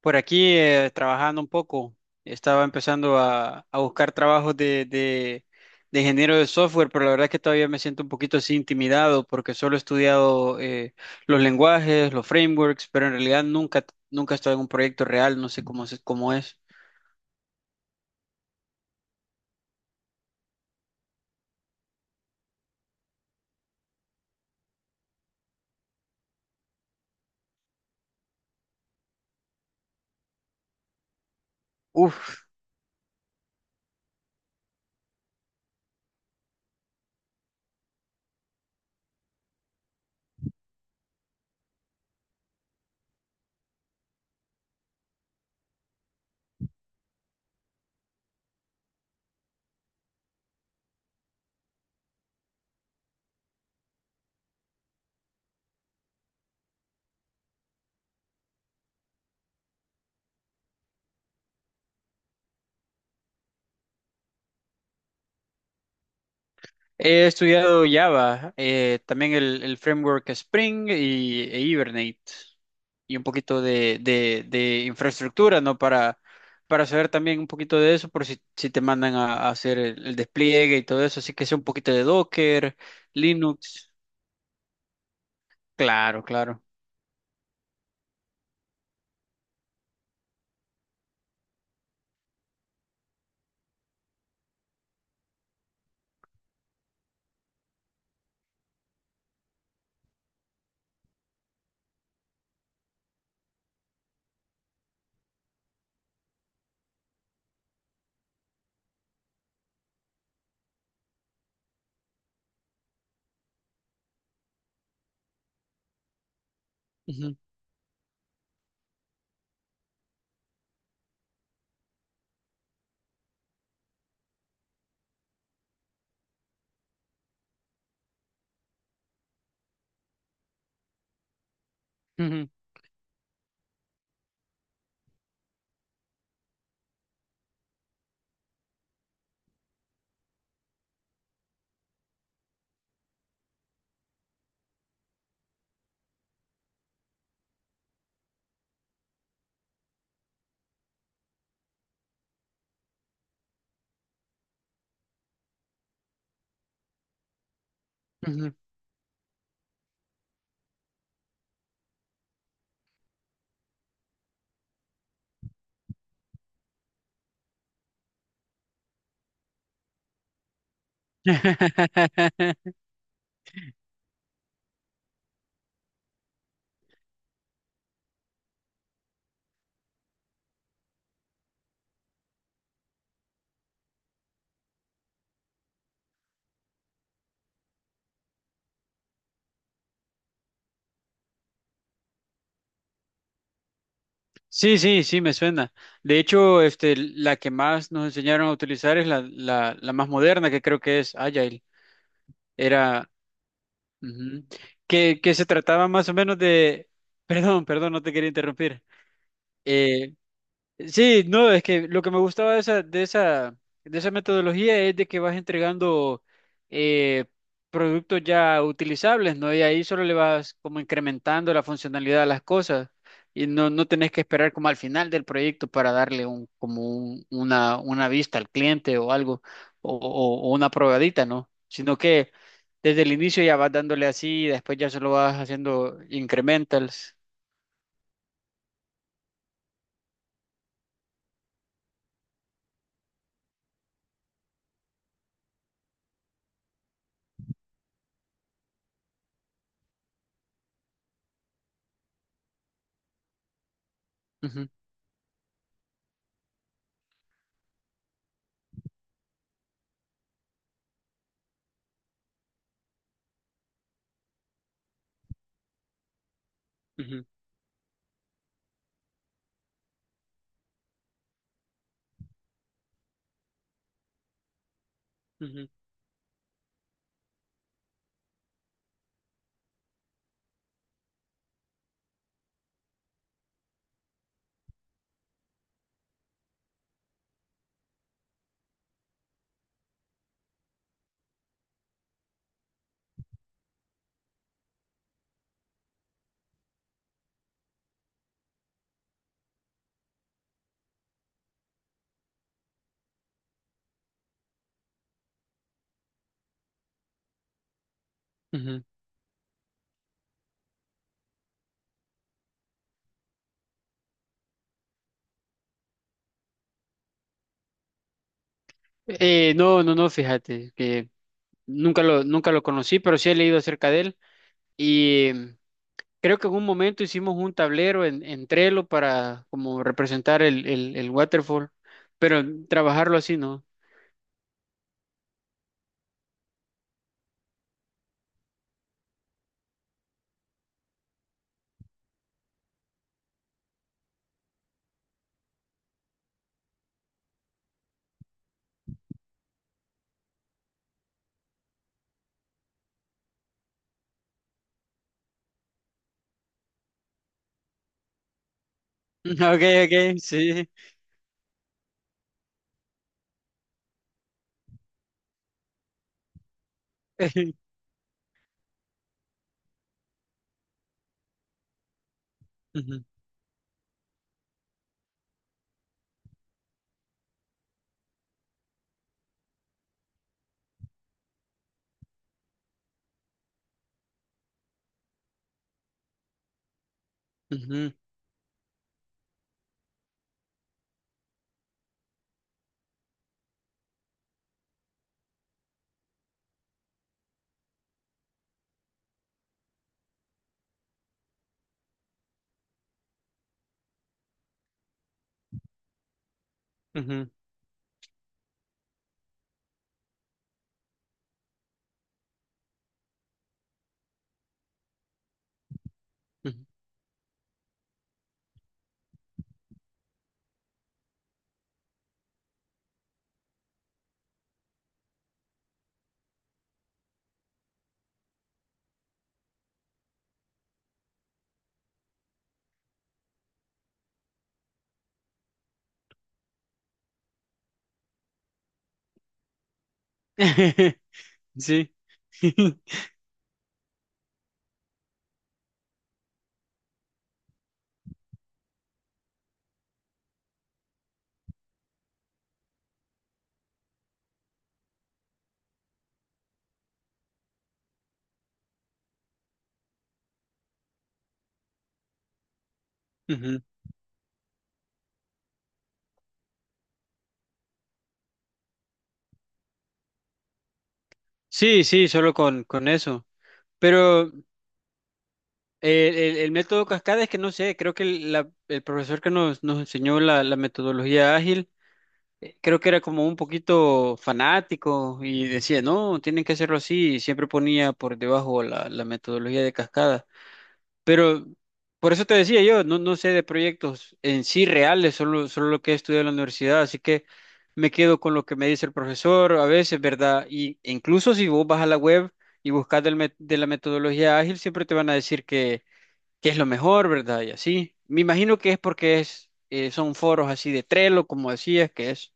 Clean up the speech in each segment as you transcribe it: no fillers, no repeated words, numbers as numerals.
Por aquí trabajando un poco, estaba empezando a buscar trabajos de ingeniero de software, pero la verdad es que todavía me siento un poquito así intimidado porque solo he estudiado los lenguajes, los frameworks, pero en realidad nunca he estado en un proyecto real, no sé cómo, cómo es. Uf. He estudiado Java, también el framework Spring e Hibernate y un poquito de, de infraestructura, ¿no? Para saber también un poquito de eso, por si, si te mandan a hacer el despliegue y todo eso. Así que sé un poquito de Docker, Linux. Claro, claro. Ujú, ujú, ujú. Sí, sí, sí, me suena. De hecho, este, la que más nos enseñaron a utilizar es la más moderna, que creo que es Agile. Era. Ujú. Que se trataba más o menos de... Perdón, perdón, no te quería interrumpir. Eh, Sí, no, es que lo que me gustaba de esa, de esa metodología es de que vas entregando eh, productos ya utilizables, ¿no? Y ahí solo le vas como incrementando la funcionalidad a las cosas y no, no tenés que esperar como al final del proyecto para darle un, como una vista al cliente o algo, o, o una probadita, ¿no? Sino que desde el inicio ya vas dándole así y después ya solo vas haciendo incrementals. Ujú, ujú, ujú, ujú. No, no, no, fíjate, que nunca lo conocí, pero sí he leído acerca de él. Y mm, creo que en un momento hicimos un tablero en Trello para como representar el waterfall, pero trabajarlo así, ¿no? Ok, ok, sí. Ujú, ujú, ujú, ujú. Sí. Ujú. Sí, sí, solo con eso. Pero el método cascada es que no sé, creo que el, el profesor que nos, nos enseñó la, la metodología ágil creo que era como un poquito fanático y decía, no, tienen que hacerlo así, y siempre ponía por debajo la, la metodología de cascada. Pero por eso te decía yo, no, no sé de proyectos en sí reales, solo, solo lo que he estudiado en la universidad, así que me quedo con lo que me dice el profesor a veces, ¿verdad? Y e incluso si vos vas a la web y buscas del de la metodología ágil, siempre te van a decir que es lo mejor, ¿verdad? Y así. Me imagino que es porque es, son foros así de Trello, como decías, que es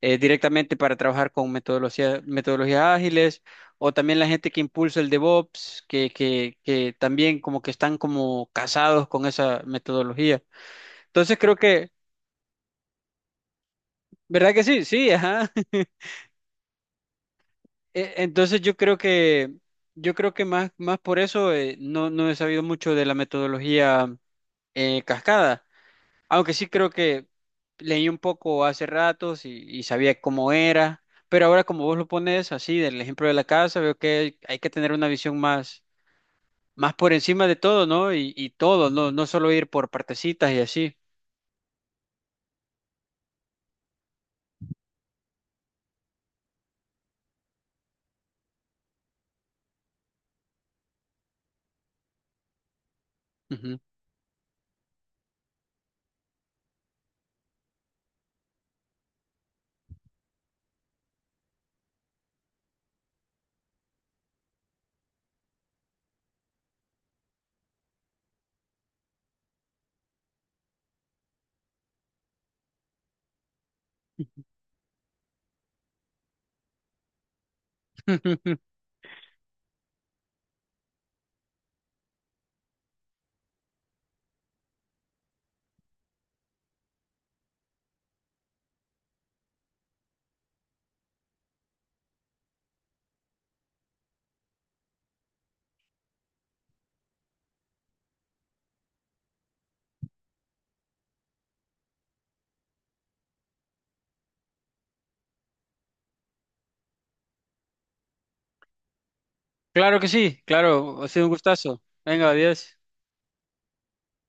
directamente para trabajar con metodologías ágiles, o también la gente que impulsa el DevOps, que también como que están como casados con esa metodología. Entonces creo que, ¿verdad que sí? Sí, ajá. Entonces yo creo que más, más por eso no, no he sabido mucho de la metodología cascada. Aunque sí creo que leí un poco hace ratos y sabía cómo era, pero ahora como vos lo pones así, del ejemplo de la casa, veo que hay que tener una visión más, más por encima de todo, ¿no? Y todo, no, no solo ir por partecitas y así. Ujú. Claro que sí, claro, ha sido un gustazo. Venga, adiós.